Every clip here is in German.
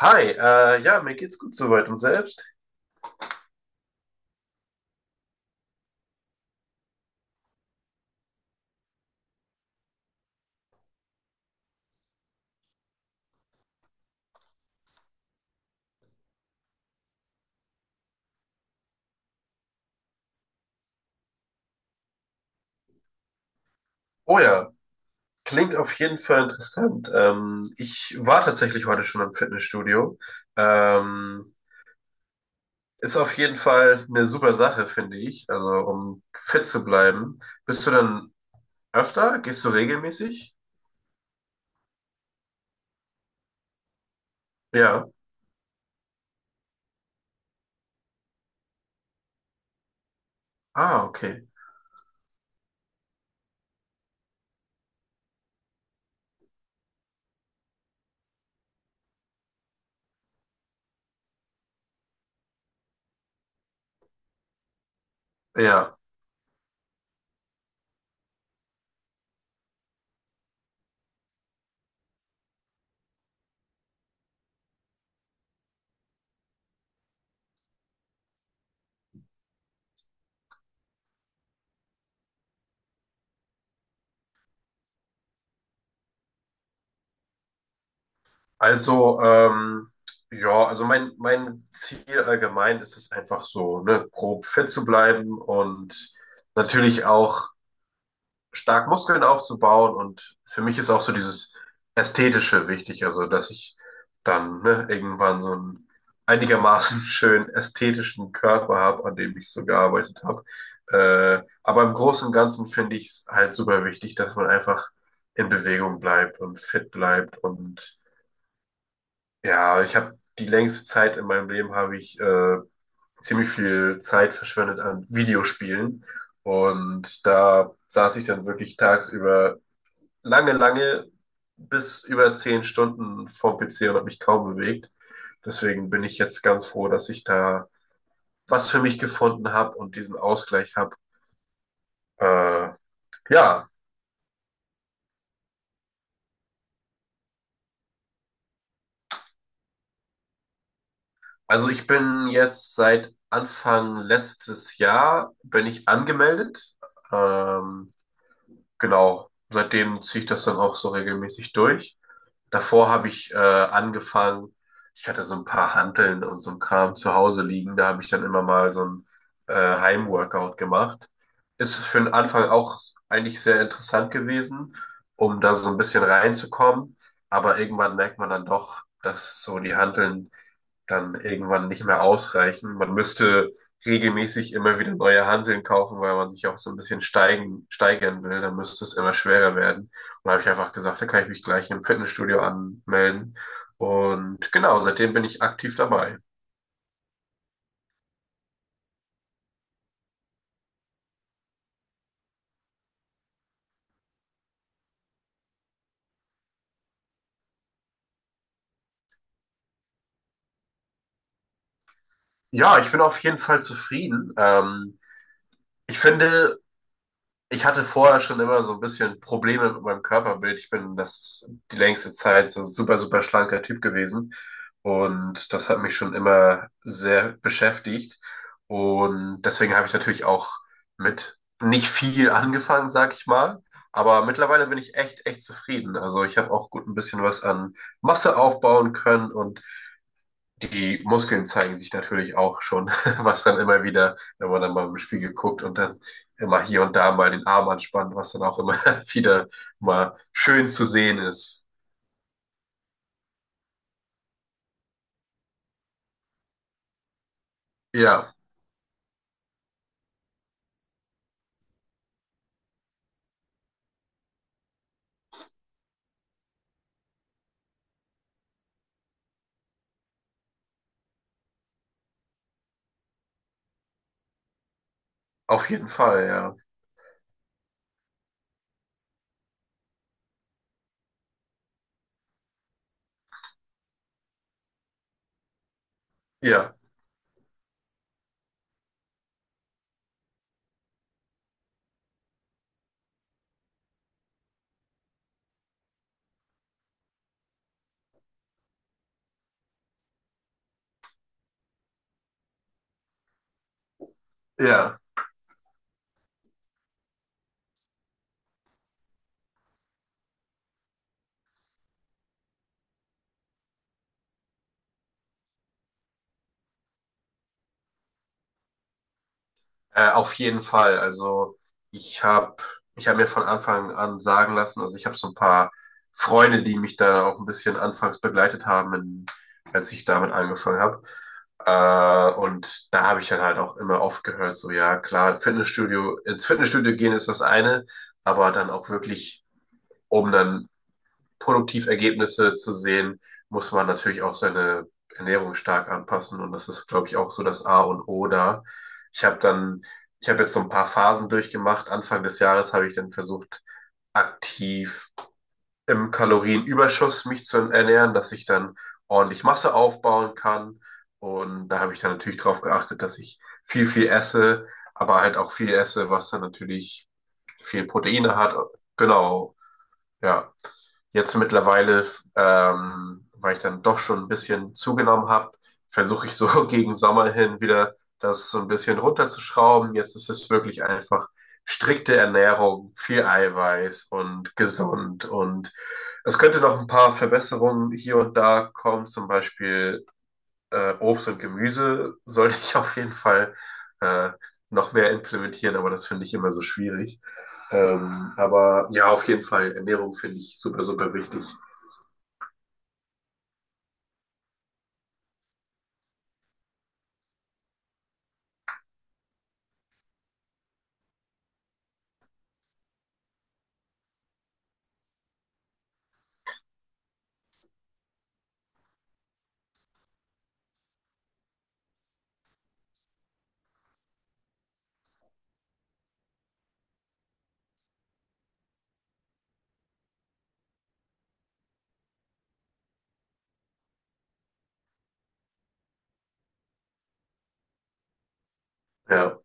Hi, ja, mir geht's gut soweit und selbst. Oh ja, klingt auf jeden Fall interessant. Ich war tatsächlich heute schon im Fitnessstudio. Ähm, Ist auf jeden Fall eine super Sache, finde ich. Also, um fit zu bleiben. Bist du dann öfter? Gehst du regelmäßig? Ja. Ah, okay. Ja. Also, ja, also mein Ziel allgemein ist es einfach so, ne, grob fit zu bleiben und natürlich auch stark Muskeln aufzubauen, und für mich ist auch so dieses Ästhetische wichtig, also dass ich dann, ne, irgendwann so einen einigermaßen schönen ästhetischen Körper habe, an dem ich so gearbeitet habe. Aber im Großen und Ganzen finde ich es halt super wichtig, dass man einfach in Bewegung bleibt und fit bleibt. Und ja, ich habe die längste Zeit in meinem Leben habe ich ziemlich viel Zeit verschwendet an Videospielen, und da saß ich dann wirklich tagsüber lange, lange bis über 10 Stunden vorm PC und habe mich kaum bewegt. Deswegen bin ich jetzt ganz froh, dass ich da was für mich gefunden habe und diesen Ausgleich habe. Äh, ja, also ich bin jetzt seit Anfang letztes Jahr bin ich angemeldet. Ähm, genau, seitdem ziehe ich das dann auch so regelmäßig durch. Davor habe ich angefangen, ich hatte so ein paar Hanteln und so ein Kram zu Hause liegen, da habe ich dann immer mal so ein Heimworkout gemacht. Ist für den Anfang auch eigentlich sehr interessant gewesen, um da so ein bisschen reinzukommen, aber irgendwann merkt man dann doch, dass so die Hanteln dann irgendwann nicht mehr ausreichen. Man müsste regelmäßig immer wieder neue Hanteln kaufen, weil man sich auch so ein bisschen steigern will. Dann müsste es immer schwerer werden. Und da habe ich einfach gesagt, da kann ich mich gleich im Fitnessstudio anmelden. Und genau, seitdem bin ich aktiv dabei. Ja, ich bin auf jeden Fall zufrieden. Ich finde, ich hatte vorher schon immer so ein bisschen Probleme mit meinem Körperbild. Ich bin das die längste Zeit so ein super, super schlanker Typ gewesen. Und das hat mich schon immer sehr beschäftigt. Und deswegen habe ich natürlich auch mit nicht viel angefangen, sag ich mal. Aber mittlerweile bin ich echt, echt zufrieden. Also ich habe auch gut ein bisschen was an Masse aufbauen können, und die Muskeln zeigen sich natürlich auch schon, was dann immer wieder, wenn man dann mal im Spiegel guckt und dann immer hier und da mal den Arm anspannt, was dann auch immer wieder mal schön zu sehen ist. Ja, auf jeden Fall, ja. Ja, ja. Auf jeden Fall. Also ich habe ich hab mir von Anfang an sagen lassen, also ich habe so ein paar Freunde, die mich da auch ein bisschen anfangs begleitet haben, als ich damit angefangen habe. Und da habe ich dann halt auch immer oft gehört, so ja, klar, Fitnessstudio, ins Fitnessstudio gehen ist das eine, aber dann auch wirklich, um dann produktiv Ergebnisse zu sehen, muss man natürlich auch seine Ernährung stark anpassen. Und das ist, glaube ich, auch so das A und O da. Ich habe dann, ich habe jetzt so ein paar Phasen durchgemacht. Anfang des Jahres habe ich dann versucht, aktiv im Kalorienüberschuss mich zu ernähren, dass ich dann ordentlich Masse aufbauen kann. Und da habe ich dann natürlich darauf geachtet, dass ich viel, viel esse, aber halt auch viel esse, was dann natürlich viel Proteine hat. Genau. Ja, jetzt mittlerweile, weil ich dann doch schon ein bisschen zugenommen habe, versuche ich so gegen Sommer hin wieder das so ein bisschen runterzuschrauben. Jetzt ist es wirklich einfach strikte Ernährung, viel Eiweiß und gesund. Und es könnte noch ein paar Verbesserungen hier und da kommen, zum Beispiel Obst und Gemüse sollte ich auf jeden Fall äh, noch mehr implementieren, aber das finde ich immer so schwierig. Aber ja, auf jeden Fall, Ernährung finde ich super, super wichtig. Ja,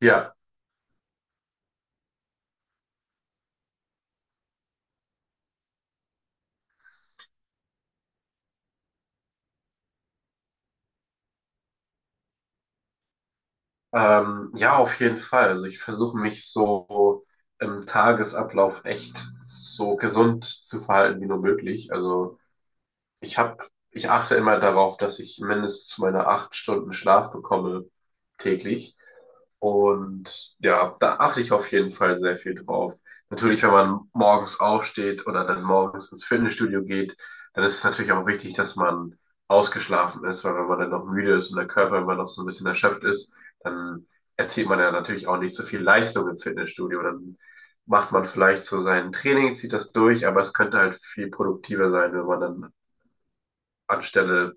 ja, ja, auf jeden Fall. Also ich versuche mich so im Tagesablauf echt so gesund zu verhalten wie nur möglich. Also Ich habe ich achte immer darauf, dass ich mindestens meine 8 Stunden Schlaf bekomme täglich. Und ja, da achte ich auf jeden Fall sehr viel drauf. Natürlich, wenn man morgens aufsteht oder dann morgens ins Fitnessstudio geht, dann ist es natürlich auch wichtig, dass man ausgeschlafen ist, weil wenn man dann noch müde ist und der Körper immer noch so ein bisschen erschöpft ist, dann erzielt man ja natürlich auch nicht so viel Leistung im Fitnessstudio. Dann macht man vielleicht so sein Training, zieht das durch, aber es könnte halt viel produktiver sein, wenn man dann anstelle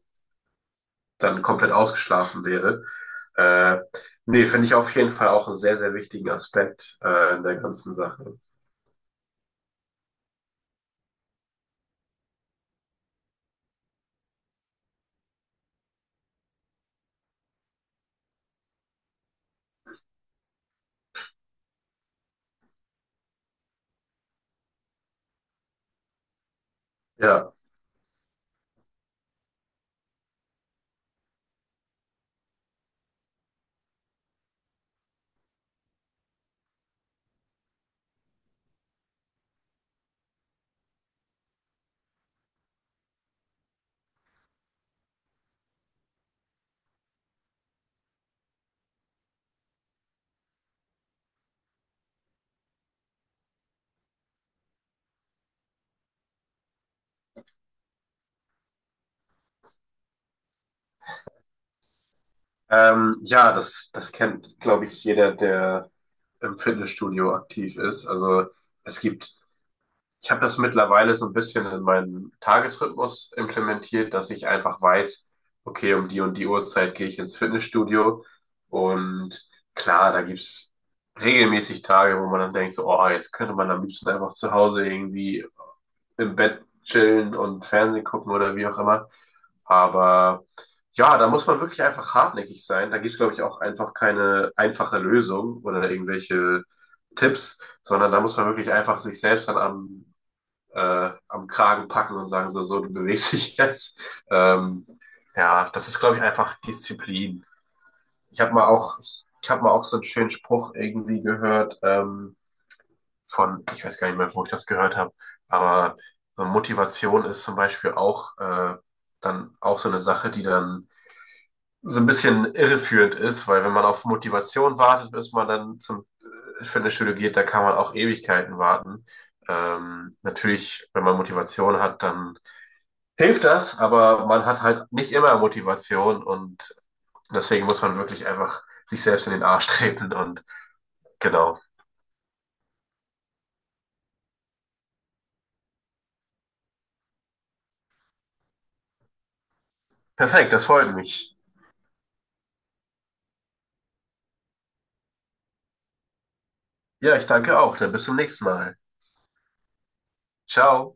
dann komplett ausgeschlafen wäre. Äh, Nee, finde ich auf jeden Fall auch einen sehr, sehr wichtigen Aspekt in der ganzen Sache. Ja, ja, das, das kennt, glaube ich, jeder, der im Fitnessstudio aktiv ist. Also es gibt ich habe das mittlerweile so ein bisschen in meinen Tagesrhythmus implementiert, dass ich einfach weiß, okay, um die und die Uhrzeit gehe ich ins Fitnessstudio. Und klar, da gibt's regelmäßig Tage, wo man dann denkt, so, oh, jetzt könnte man am liebsten einfach zu Hause irgendwie im Bett chillen und Fernsehen gucken oder wie auch immer. Aber ja, da muss man wirklich einfach hartnäckig sein. Da gibt's, glaube ich, auch einfach keine einfache Lösung oder irgendwelche Tipps, sondern da muss man wirklich einfach sich selbst dann am am Kragen packen und sagen so, so, du bewegst dich jetzt. Ähm, ja, das ist, glaube ich, einfach Disziplin. Ich habe mal auch, ich habe mal auch so einen schönen Spruch irgendwie gehört, von, ich weiß gar nicht mehr, wo ich das gehört habe, aber so Motivation ist zum Beispiel auch dann auch so eine Sache, die dann so ein bisschen irreführend ist, weil wenn man auf Motivation wartet, bis man dann zum Fitnessstudio geht, da kann man auch Ewigkeiten warten. Natürlich, wenn man Motivation hat, dann hilft das, aber man hat halt nicht immer Motivation, und deswegen muss man wirklich einfach sich selbst in den Arsch treten und genau. Perfekt, das freut mich. Ja, ich danke auch. Dann bis zum nächsten Mal. Ciao.